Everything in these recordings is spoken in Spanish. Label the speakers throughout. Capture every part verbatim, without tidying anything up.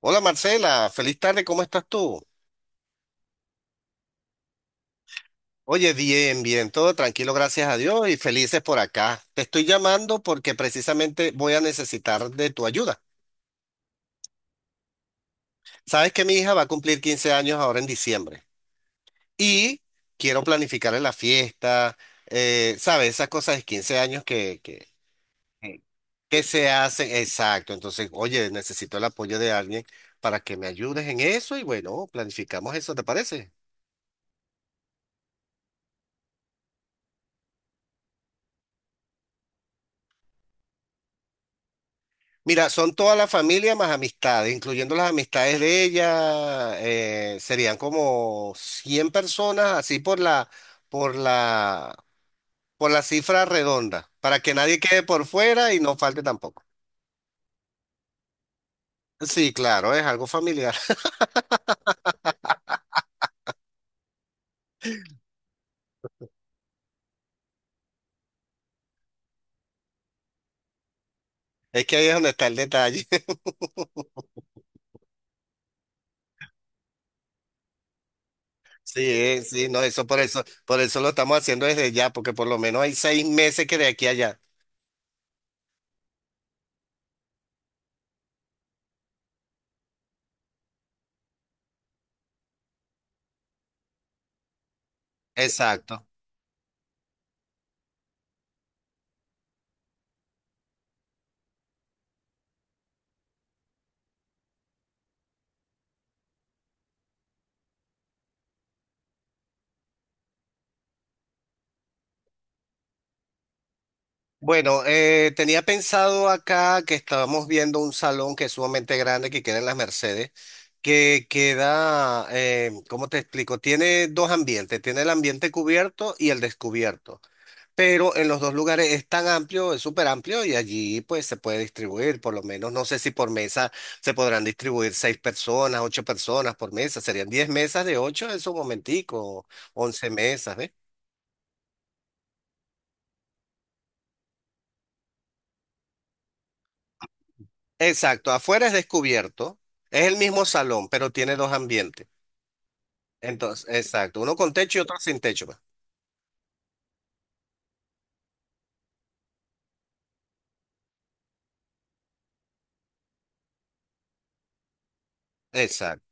Speaker 1: Hola Marcela, feliz tarde, ¿cómo estás tú? Oye, bien, bien, todo tranquilo, gracias a Dios y felices por acá. Te estoy llamando porque precisamente voy a necesitar de tu ayuda. Sabes que mi hija va a cumplir quince años ahora en diciembre y quiero planificarle la fiesta, eh, sabes, esas cosas de quince años que, que, Sí. que se hacen, exacto. Entonces, oye, necesito el apoyo de alguien para que me ayudes en eso y bueno, planificamos eso, ¿te parece? Mira, son toda la familia más amistades, incluyendo las amistades de ella, eh, serían como cien personas, así por la, por la, por la cifra redonda, para que nadie quede por fuera y no falte tampoco. Sí, claro, es algo familiar. Es que ahí es donde está el detalle. Sí, eh, sí, no, eso por eso, por eso lo estamos haciendo desde ya, porque por lo menos hay seis meses que de aquí a allá. Exacto. Bueno, eh, tenía pensado acá que estábamos viendo un salón que es sumamente grande que queda en las Mercedes, que queda, eh, ¿cómo te explico? Tiene dos ambientes, tiene el ambiente cubierto y el descubierto, pero en los dos lugares es tan amplio, es súper amplio y allí pues se puede distribuir, por lo menos no sé si por mesa se podrán distribuir seis personas, ocho personas por mesa, serían diez mesas de ocho en su momentico, once mesas, ¿ves? Exacto, afuera es descubierto, es el mismo salón, pero tiene dos ambientes. Entonces, exacto, uno con techo y otro sin techo, pues. Exacto.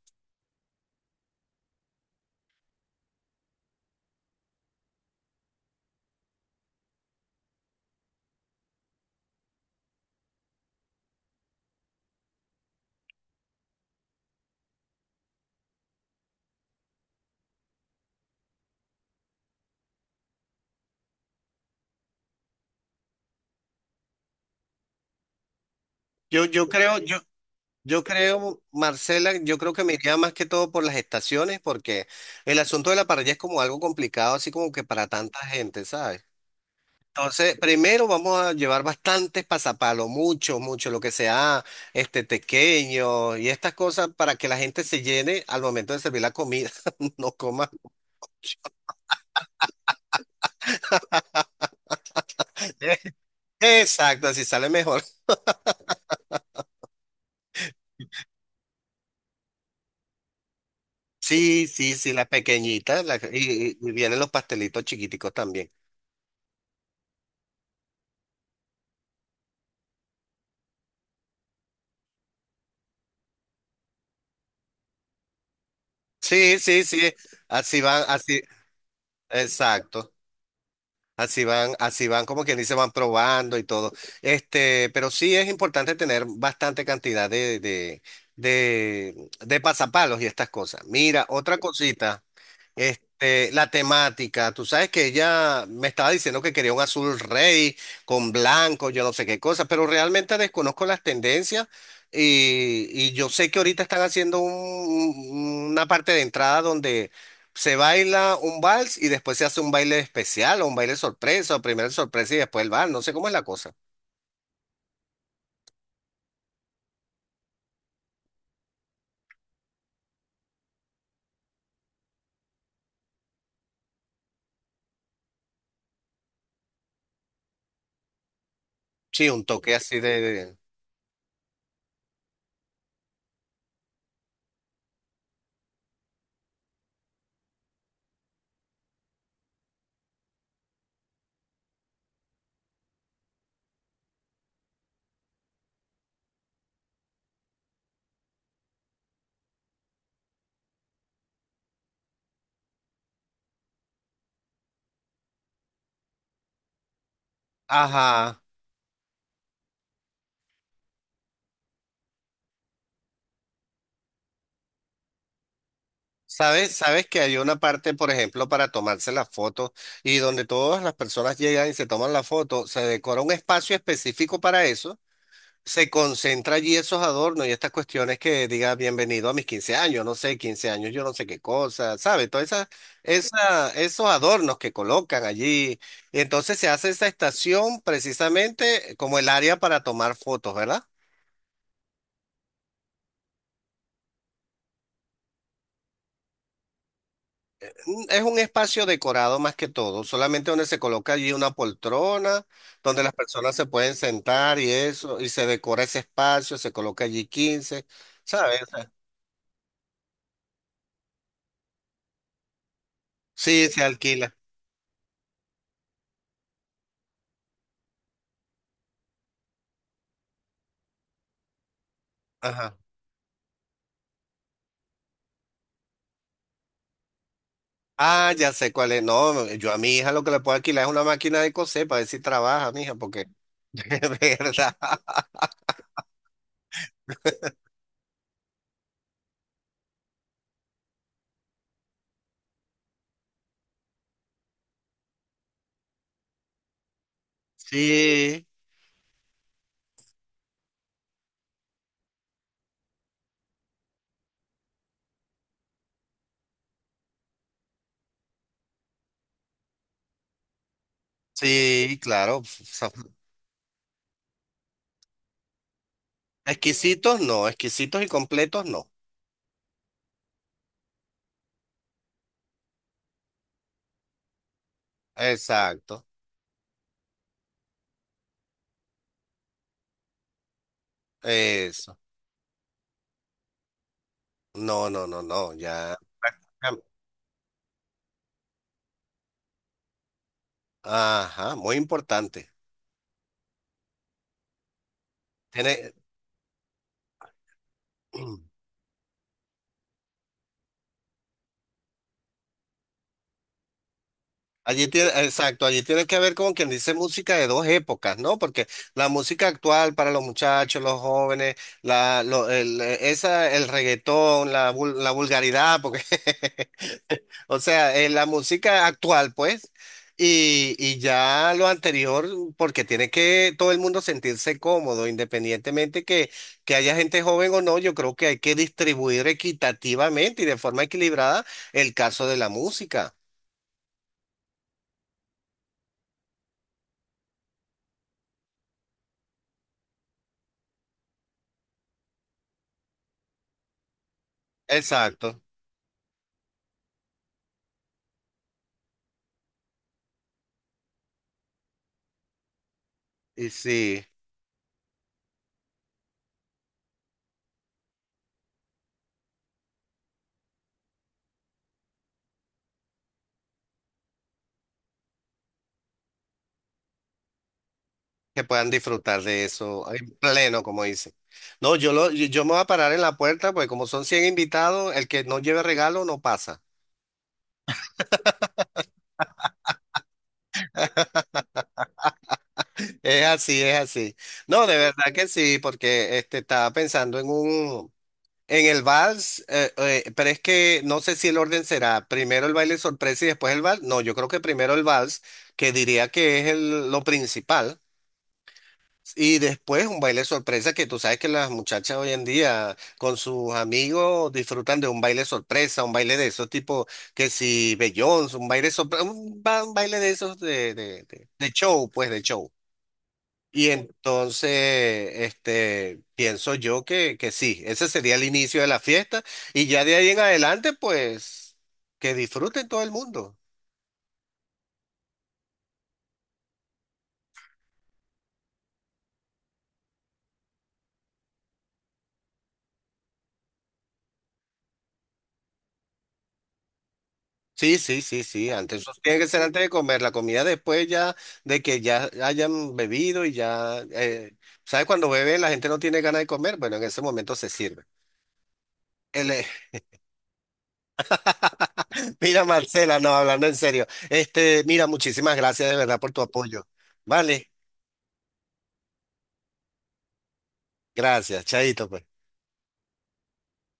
Speaker 1: Yo, yo creo, yo, yo creo, Marcela, yo creo que me iría más que todo por las estaciones, porque el asunto de la parrilla es como algo complicado, así como que para tanta gente, ¿sabes? Entonces, primero vamos a llevar bastantes pasapalos, mucho, mucho, lo que sea, este tequeño y estas cosas para que la gente se llene al momento de servir la comida, no coma. Exacto, así sale mejor. Sí, sí, sí, la pequeñita, la- y, y- y vienen los pastelitos chiquiticos también. Sí, sí, sí, así van, así, exacto, así van, así van, como quien dice, van probando y todo. Este, pero sí es importante tener bastante cantidad de, de, de, de pasapalos y estas cosas. Mira, otra cosita. Este, la temática, tú sabes que ella me estaba diciendo que quería un azul rey con blanco, yo no sé qué cosa, pero realmente desconozco las tendencias y, y yo sé que ahorita están haciendo un- una parte de entrada donde se baila un vals y después se hace un baile especial o un baile sorpresa, o primero el sorpresa y después el vals, no sé cómo es la cosa. Sí, un toque así de de- Ajá. Sabes, sabes que hay una parte, por ejemplo, para tomarse las fotos y donde todas las personas llegan y se toman la foto, se decora un espacio específico para eso, se concentra allí esos adornos y estas cuestiones que diga bienvenido a mis quince años, no sé, quince años, yo no sé qué cosa, ¿sabes? Todas esas, esa- esos adornos que colocan allí. Y entonces se hace esa estación precisamente como el área para tomar fotos, ¿verdad? Mm, Es un espacio decorado más que todo, solamente donde se coloca allí una poltrona, donde las personas se pueden sentar y eso, y se decora ese espacio, se coloca allí quince, ¿sabes? O sea, sí, se alquila. Ajá. Ah, ya sé cuál es. No, yo a mi hija lo que le puedo alquilar es una máquina de coser para ver si trabaja, mija, porque es verdad. Sí, sí, claro. O sea, exquisitos no, exquisitos y completos no. Exacto. Eso. No, no, no, no, ya. Ajá, muy importante. Tiene, allí tiene, exacto, allí tiene que ver con quien dice música de dos épocas, ¿no? Porque la música actual para los muchachos, los jóvenes, la, lo- el, esa, el reggaetón, la, vul- la vulgaridad, porque o sea, eh, la música actual, pues, y, y ya lo anterior, porque tiene que todo el mundo sentirse cómodo, independientemente que, que haya gente joven o no, yo creo que hay que distribuir equitativamente y de forma equilibrada el caso de la música. Exacto. Y sí, que puedan disfrutar de eso en pleno, como dice. No, yo, lo, yo yo me voy a parar en la puerta, pues como son cien invitados, el que no lleve regalo no pasa. Es así, es así. No, de verdad que sí, porque este estaba pensando en un en el vals, eh, eh, pero es que no sé si el orden será primero el baile sorpresa y después el vals. No, yo creo que primero el vals, que diría que es el- lo principal, y después un baile sorpresa que tú sabes que las muchachas hoy en día con sus amigos disfrutan de un baile sorpresa, un baile de esos tipo que si Beyoncé, un baile sorpresa, un, ba- un baile de esos de, de de- de show, pues de show. Y entonces, este, pienso yo que, que sí, ese sería el inicio de la fiesta y ya de ahí en adelante, pues, que disfruten todo el mundo. Sí, sí, sí, sí, antes, eso tiene que ser antes de comer, la comida después ya de que ya hayan bebido y ya, eh, ¿sabes? Cuando bebe la gente no tiene ganas de comer, bueno, en ese momento se sirve. El, eh, mira, Marcela, no, hablando en serio, este, mira, muchísimas gracias de verdad por tu apoyo. Vale, gracias, Chaito, pues.